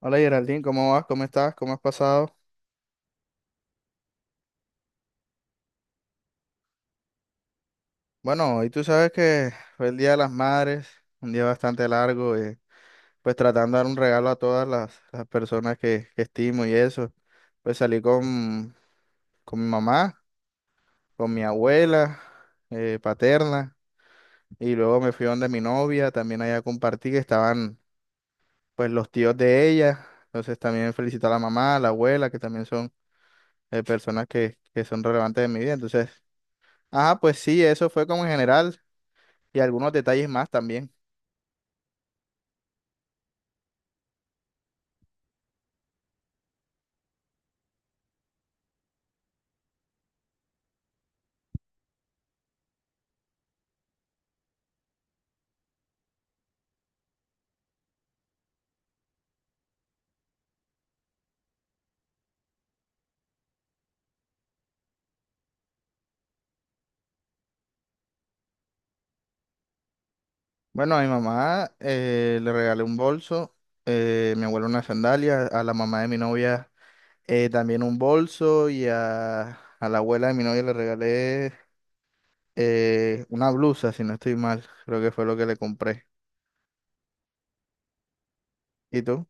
Hola Geraldine, ¿cómo vas? ¿Cómo estás? ¿Cómo has pasado? Bueno, hoy tú sabes que fue el Día de las Madres, un día bastante largo, pues tratando de dar un regalo a todas las personas que estimo y eso. Pues salí con mi mamá, con mi abuela paterna, y luego me fui donde mi novia, también allá compartí que estaban pues los tíos de ella, entonces también felicito a la mamá, a la abuela, que también son personas que son relevantes en mi vida, entonces... Ajá, pues sí, eso fue como en general, y algunos detalles más también. Bueno, a mi mamá le regalé un bolso, mi abuelo una sandalia, a la mamá de mi novia también un bolso a la abuela de mi novia le regalé una blusa, si no estoy mal, creo que fue lo que le compré. ¿Y tú?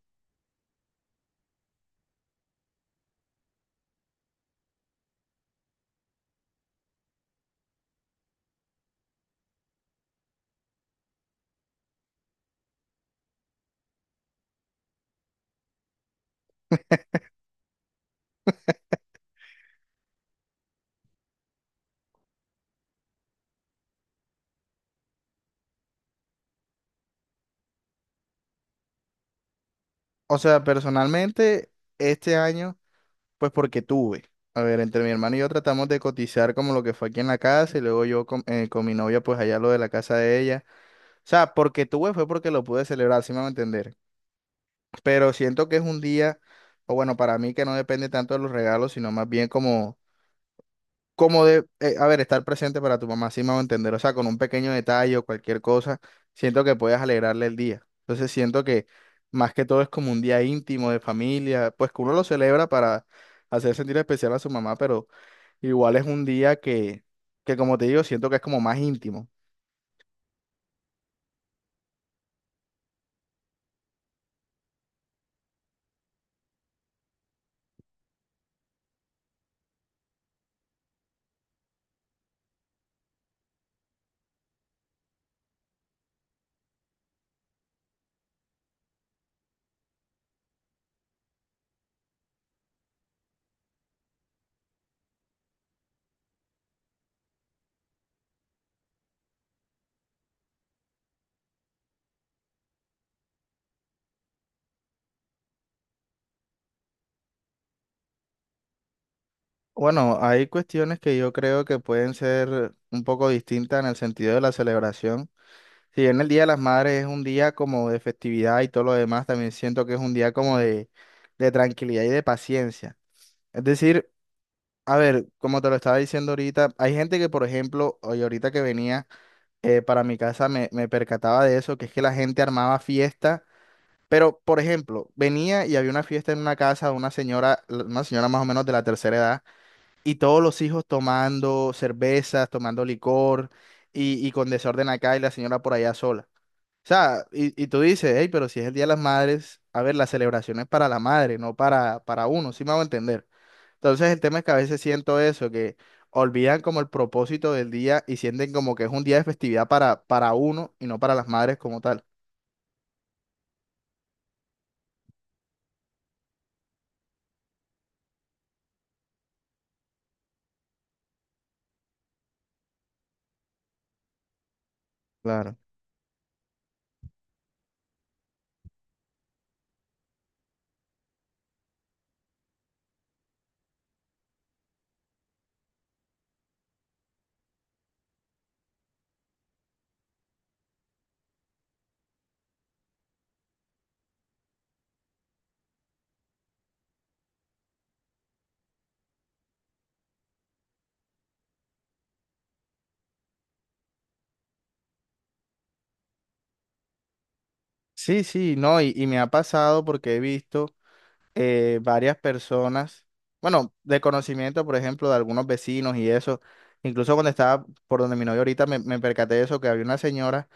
O sea, personalmente, este año, pues porque tuve. A ver, entre mi hermano y yo tratamos de cotizar como lo que fue aquí en la casa y luego yo con mi novia, pues allá lo de la casa de ella. O sea, porque tuve fue porque lo pude celebrar, si me van a entender. Pero siento que es un día, o bueno, para mí que no depende tanto de los regalos, sino más bien como, a ver, estar presente para tu mamá, sí me a entender, o sea, con un pequeño detalle o cualquier cosa, siento que puedes alegrarle el día. Entonces siento que más que todo es como un día íntimo de familia, pues que uno lo celebra para hacer sentir especial a su mamá, pero igual es un día que como te digo, siento que es como más íntimo. Bueno, hay cuestiones que yo creo que pueden ser un poco distintas en el sentido de la celebración. Si bien el Día de las Madres es un día como de festividad y todo lo demás, también siento que es un día como de tranquilidad y de paciencia. Es decir, a ver, como te lo estaba diciendo ahorita, hay gente que, por ejemplo, hoy ahorita que venía para mi casa me percataba de eso, que es que la gente armaba fiesta, pero, por ejemplo, venía y había una fiesta en una casa de una señora, una señora más o menos de la tercera edad, y todos los hijos tomando cervezas, tomando licor y con desorden acá y la señora por allá sola. O sea, y tú dices, hey, pero si es el Día de las Madres, a ver, la celebración es para la madre, no para uno, sí me hago entender. Entonces el tema es que a veces siento eso, que olvidan como el propósito del día y sienten como que es un día de festividad para uno y no para las madres como tal. Claro. Sí, sí, no, y me ha pasado porque he visto varias personas, bueno, de conocimiento, por ejemplo, de algunos vecinos y eso, incluso cuando estaba por donde mi novio ahorita me percaté de eso, que había una señora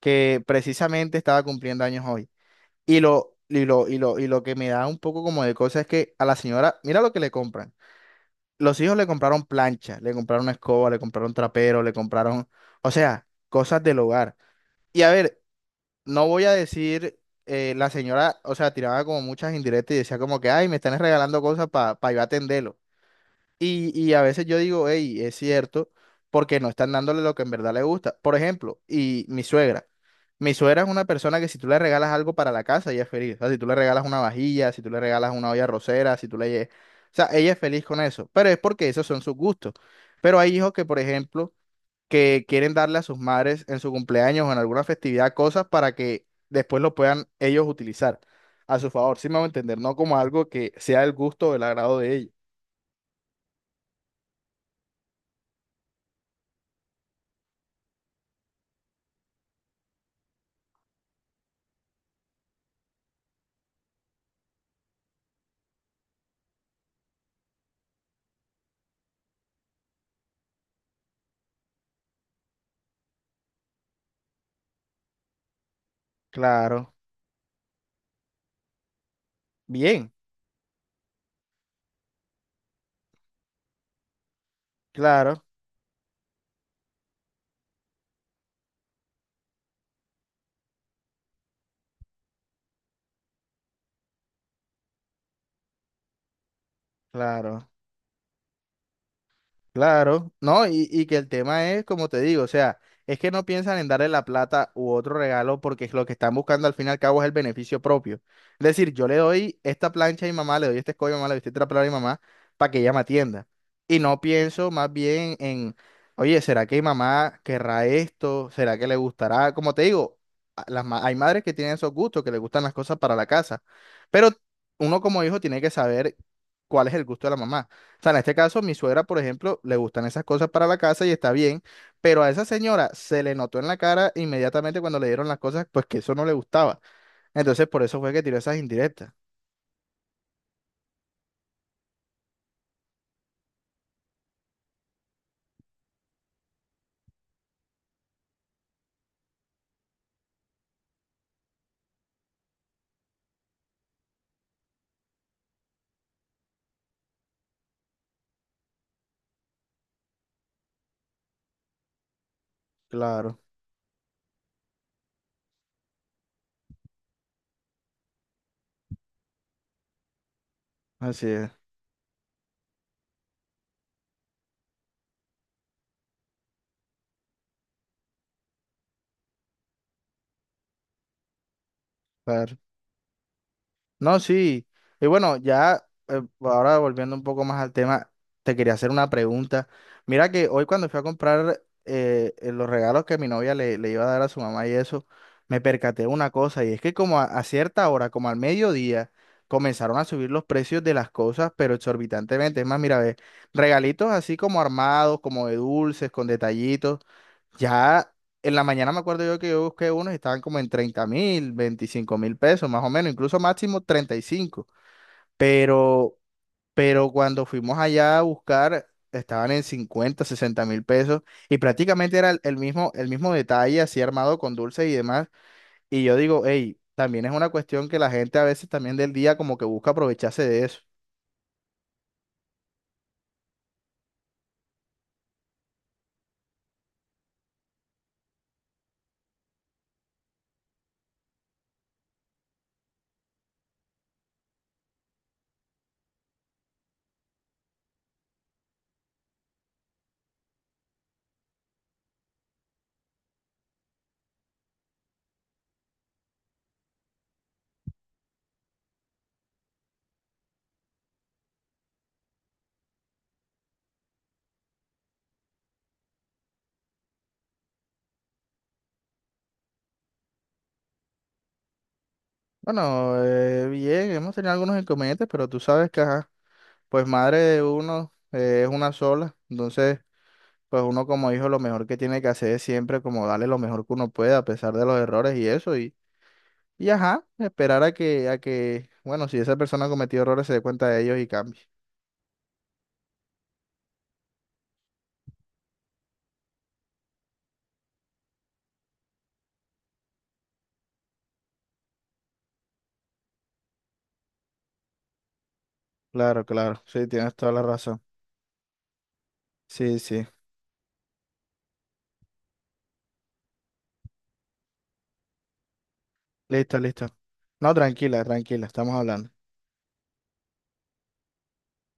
que precisamente estaba cumpliendo años hoy. Y lo que me da un poco como de cosa es que a la señora, mira lo que le compran. Los hijos le compraron plancha, le compraron escoba, le compraron trapero, le compraron, o sea, cosas del hogar. Y a ver, no voy a decir, la señora, o sea, tiraba como muchas indirectas y decía como que, ay, me están regalando cosas para yo atenderlo. Y a veces yo digo, hey, es cierto, porque no están dándole lo que en verdad le gusta. Por ejemplo, y mi suegra. Mi suegra es una persona que si tú le regalas algo para la casa, ella es feliz. O sea, si tú le regalas una vajilla, si tú le regalas una olla rosera, si tú le... lle- O sea, ella es feliz con eso. Pero es porque esos son sus gustos. Pero hay hijos que, por ejemplo, que quieren darle a sus madres en su cumpleaños o en alguna festividad cosas para que después lo puedan ellos utilizar a su favor. Sí me a entender, no como algo que sea el gusto o el agrado de ellos. Claro. Bien, claro, claro. Claro, no, y que el tema es, como te digo, o sea, es que no piensan en darle la plata u otro regalo porque es lo que están buscando al fin y al cabo es el beneficio propio. Es decir, yo le doy esta plancha a mi mamá, le doy este escollo a mi mamá, le doy este trapeador a mi mamá para que ella me atienda. Y no pienso más bien en, oye, ¿será que mi mamá querrá esto? ¿Será que le gustará? Como te digo, hay madres que tienen esos gustos, que les gustan las cosas para la casa, pero uno como hijo tiene que saber cuál es el gusto de la mamá. O sea, en este caso, mi suegra, por ejemplo, le gustan esas cosas para la casa y está bien, pero a esa señora se le notó en la cara inmediatamente cuando le dieron las cosas, pues que eso no le gustaba. Entonces, por eso fue que tiró esas indirectas. Claro, así es. Claro. No, sí. Y bueno, ya ahora volviendo un poco más al tema, te quería hacer una pregunta. Mira que hoy cuando fui a comprar los regalos que mi novia le iba a dar a su mamá y eso, me percaté de una cosa y es que como a cierta hora, como al mediodía, comenzaron a subir los precios de las cosas, pero exorbitantemente. Es más, mira, ve, regalitos así como armados, como de dulces, con detallitos. Ya en la mañana me acuerdo yo que yo busqué unos y estaban como en 30.000, 25.000 pesos, más o menos, incluso máximo 35. Pero, pero cuando fuimos allá a buscar, estaban en 50.000, 60.000 pesos y prácticamente era el mismo, el mismo detalle, así armado con dulces y demás. Y yo digo, hey, también es una cuestión que la gente a veces también del día como que busca aprovecharse de eso. Bueno, bien, hemos tenido algunos inconvenientes, pero tú sabes que, ajá, pues madre de uno es una sola, entonces pues uno como hijo lo mejor que tiene que hacer es siempre como darle lo mejor que uno puede a pesar de los errores y eso y ajá, esperar a bueno, si esa persona ha cometido errores se dé cuenta de ellos y cambie. Claro, claro, sí, tienes toda la razón. Sí, sí, listo, listo. No, tranquila, tranquila, estamos hablando.